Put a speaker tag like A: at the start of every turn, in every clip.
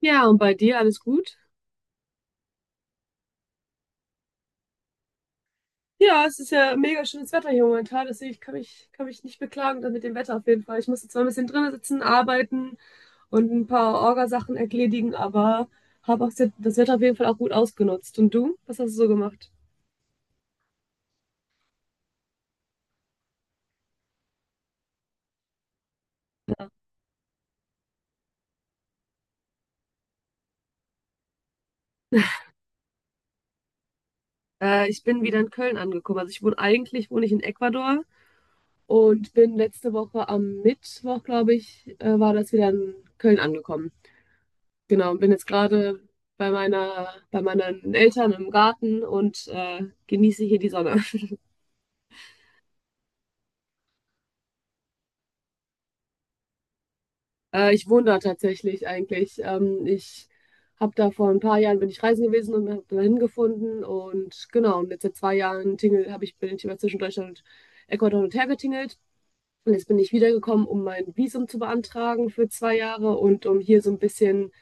A: Ja, und bei dir alles gut? Ja, es ist ja mega schönes Wetter hier momentan, deswegen ich kann mich nicht beklagen dann mit dem Wetter auf jeden Fall. Ich musste zwar ein bisschen drinnen sitzen, arbeiten und ein paar Orgasachen erledigen, aber habe auch das Wetter auf jeden Fall auch gut ausgenutzt. Und du? Was hast du so gemacht? Ich bin wieder in Köln angekommen. Also ich wohne eigentlich wohne ich in Ecuador. Und bin letzte Woche am Mittwoch, glaube ich, war das wieder in Köln angekommen. Genau, und bin jetzt gerade bei meinen Eltern im Garten und genieße hier die Sonne. Ich wohne da tatsächlich eigentlich. Ich habe da vor ein paar Jahren bin ich reisen gewesen und habe da hingefunden und genau, und jetzt seit zwei Jahren tingel, bin ich immer zwischen Deutschland und Ecuador hin und her getingelt. Und jetzt bin ich wiedergekommen, um mein Visum zu beantragen für zwei Jahre und um hier so ein bisschen,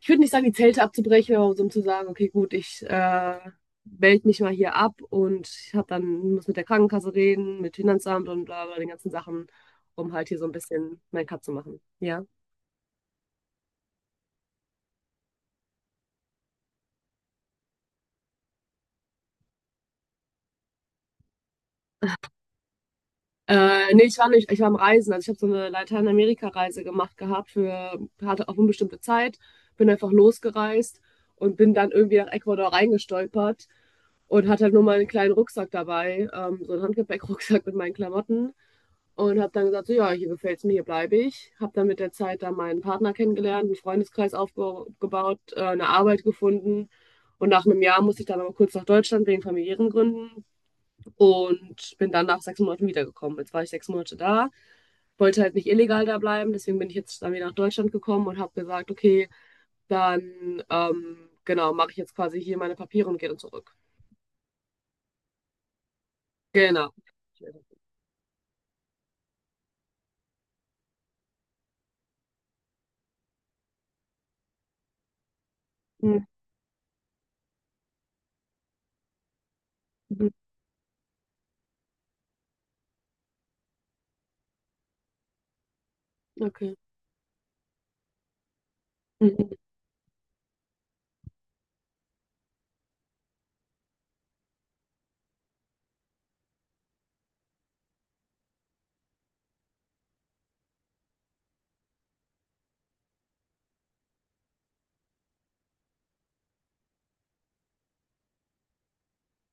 A: ich würde nicht sagen, die Zelte abzubrechen, aber so um zu sagen, okay, gut, ich melde mich mal hier ab und ich hab dann, muss mit der Krankenkasse reden, mit Finanzamt und bla bla, den ganzen Sachen, um halt hier so ein bisschen mein Cut zu machen. Ja. Nee, ich war nicht, ich war am Reisen. Also ich habe so eine Lateinamerika-Reise gemacht gehabt für, hatte auf unbestimmte Zeit, bin einfach losgereist und bin dann irgendwie nach Ecuador reingestolpert und hatte halt nur meinen kleinen Rucksack dabei, so einen Handgepäckrucksack mit meinen Klamotten. Und habe dann gesagt, so, ja, hier gefällt es mir, hier bleibe ich. Habe dann mit der Zeit dann meinen Partner kennengelernt, einen Freundeskreis aufgebaut, eine Arbeit gefunden. Und nach einem Jahr musste ich dann aber kurz nach Deutschland wegen familiären Gründen und bin dann nach sechs Monaten wiedergekommen. Jetzt war ich sechs Monate da, wollte halt nicht illegal da bleiben, deswegen bin ich jetzt dann wieder nach Deutschland gekommen und habe gesagt, okay, dann genau, mache ich jetzt quasi hier meine Papiere und gehe dann zurück. Genau. Mhm. Okay. Mhm.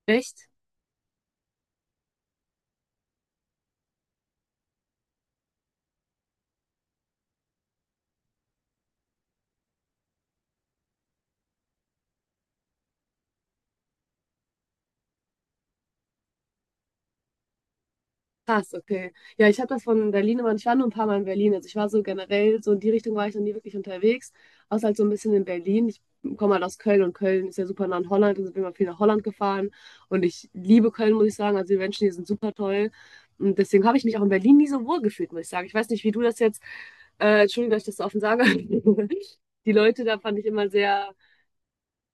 A: Echt? Krass, okay. Ja, ich habe das von Berlin, aber ich war nur ein paar Mal in Berlin. Also ich war so generell, so in die Richtung war ich noch nie wirklich unterwegs, außer halt so ein bisschen in Berlin. Ich komme halt aus Köln und Köln ist ja super nah an Holland, also bin mal viel nach Holland gefahren und ich liebe Köln, muss ich sagen. Also die Menschen hier sind super toll. Und deswegen habe ich mich auch in Berlin nie so wohl gefühlt, muss ich sagen. Ich weiß nicht, wie du das jetzt, Entschuldigung, dass ich das so offen sage. Die Leute da fand ich immer sehr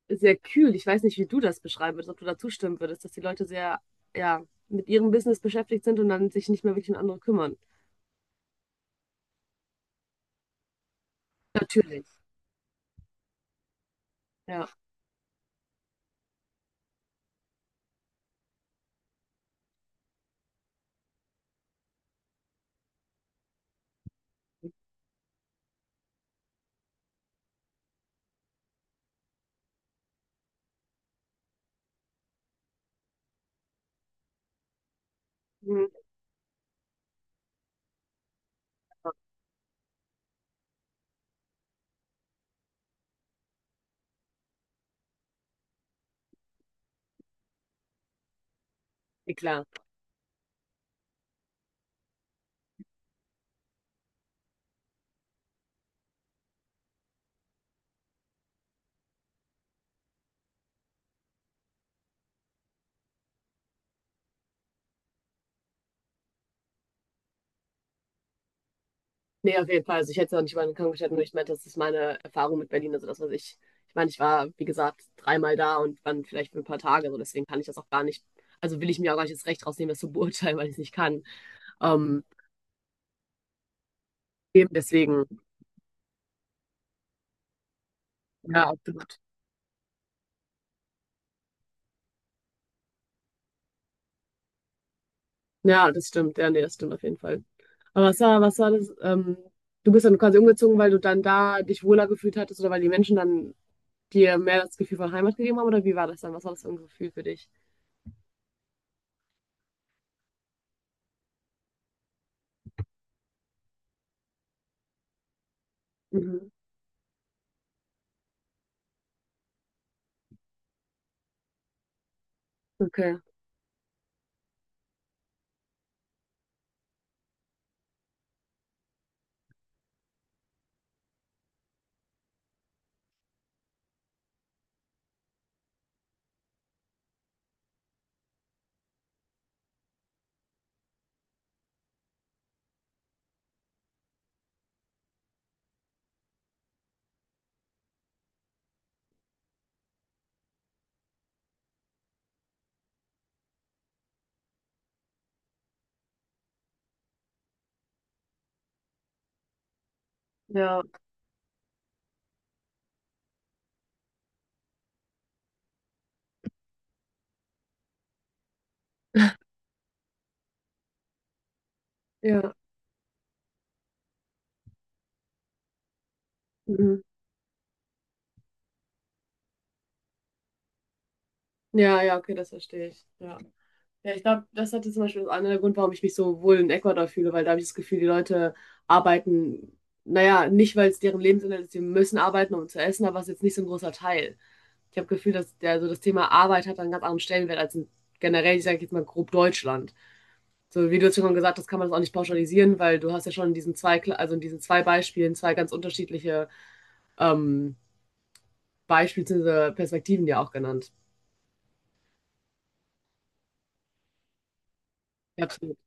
A: sehr kühl. Ich weiß nicht, wie du das beschreiben würdest, ob du da zustimmen würdest, dass die Leute sehr, ja, mit ihrem Business beschäftigt sind und dann sich nicht mehr wirklich um andere kümmern. Natürlich. Ja. Mhm. Ja, klar. Nee, auf jeden Fall. Also ich hätte es auch nicht über den Kamm gestellt, nur ich meinte, das ist meine Erfahrung mit Berlin. Also das, was ich, ich meine, ich war, wie gesagt, dreimal da und dann vielleicht für ein paar Tage. Also deswegen kann ich das auch gar nicht, also will ich mir auch gar nicht das Recht rausnehmen, das zu beurteilen, weil ich es nicht kann. Ähm, eben deswegen, ja, absolut. Ja, das stimmt. Ja, nee, das stimmt auf jeden Fall. Aber was war das? Du bist dann quasi umgezogen, weil du dann da dich wohler gefühlt hattest oder weil die Menschen dann dir mehr das Gefühl von Heimat gegeben haben? Oder wie war das dann? Was war das für ein Gefühl für dich? Mhm. Okay. Ja, ja. Mhm. Ja, ja, okay, das verstehe ich. Ja. Ja, ich glaube, das hatte zum Beispiel einer der Grund, warum ich mich so wohl in Ecuador fühle, weil da habe ich das Gefühl, die Leute arbeiten, naja, nicht, weil es deren Lebensinhalt ist, sie müssen arbeiten, um zu essen, aber es ist jetzt nicht so ein großer Teil. Ich habe das Gefühl, dass der, so das Thema Arbeit hat einen ganz anderen Stellenwert als in, generell, ich sage jetzt mal grob Deutschland. So wie du jetzt schon gesagt hast, kann man das auch nicht pauschalisieren, weil du hast ja schon in diesen zwei, also in diesen zwei Beispielen zwei ganz unterschiedliche ähm, Beispiele bzw. Perspektiven dir auch genannt. Absolut.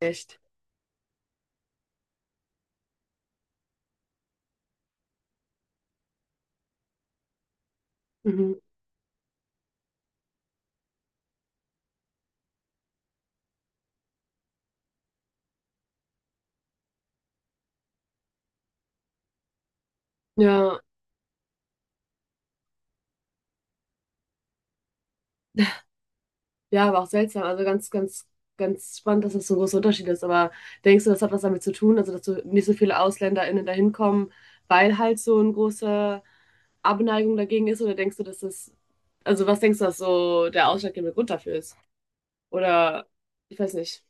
A: Echt. Mhm. Ja. Ja, aber auch seltsam. Also ganz spannend, dass das so ein großer Unterschied ist. Aber denkst du, das hat was damit zu tun, also dass so nicht so viele AusländerInnen da hinkommen, weil halt so eine große Abneigung dagegen ist? Oder denkst du, dass das, also was denkst du, dass so der ausschlaggebende Grund dafür ist? Oder ich weiß nicht.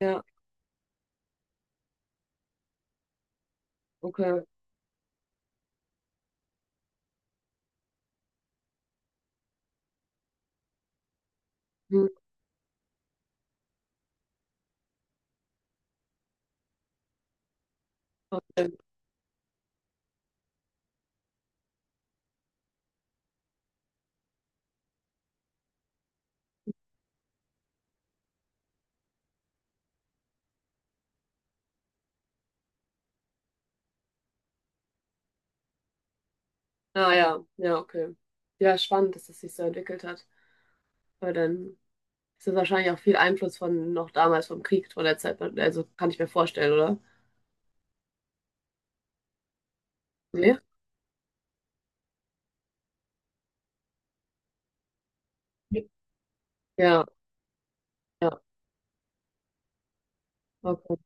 A: Ja, okay. Hm, okay. Ah ja, ja, okay. Ja, spannend, dass das sich so entwickelt hat. Weil dann ist das wahrscheinlich auch viel Einfluss von noch damals vom Krieg von der Zeit. Also kann ich mir vorstellen, oder? Nee? Ja, ja, okay.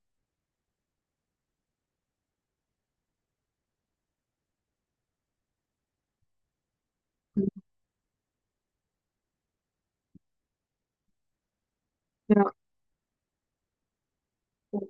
A: Ja, oh,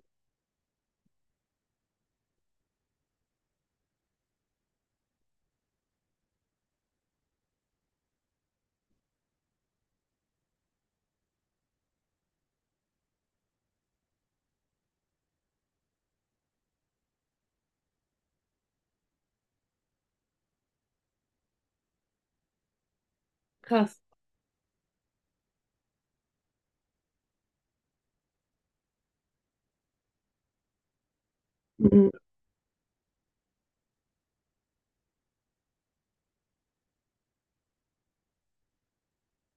A: krass. Mhm.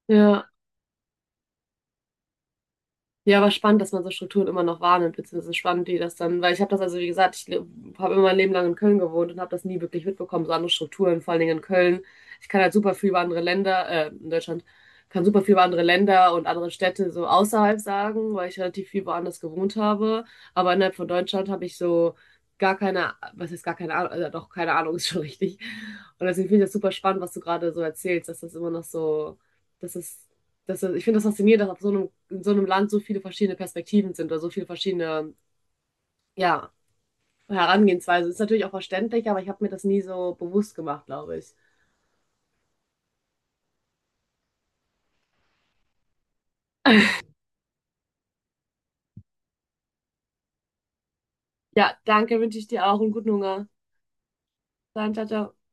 A: Ja. Ja, aber spannend, dass man so Strukturen immer noch wahrnimmt, beziehungsweise spannend, die das dann, weil ich habe das also, wie gesagt, ich habe immer mein Leben lang in Köln gewohnt und habe das nie wirklich mitbekommen, so andere Strukturen, vor allen Dingen in Köln. Ich kann halt super viel über andere Länder, in Deutschland, kann super viel über andere Länder und andere Städte so außerhalb sagen, weil ich relativ viel woanders gewohnt habe. Aber innerhalb von Deutschland habe ich so gar keine, was heißt gar keine Ahnung, also doch keine Ahnung, ist schon richtig. Und deswegen finde ich das super spannend, was du gerade so erzählst, dass das immer noch so, dass es das ich finde das faszinierend, dass auf so einem, in so einem Land so viele verschiedene Perspektiven sind oder so viele verschiedene, ja, Herangehensweisen. Ist natürlich auch verständlich, aber ich habe mir das nie so bewusst gemacht, glaube ich. Ja, danke, wünsche ich dir auch einen guten Hunger. Dann, ciao, ciao.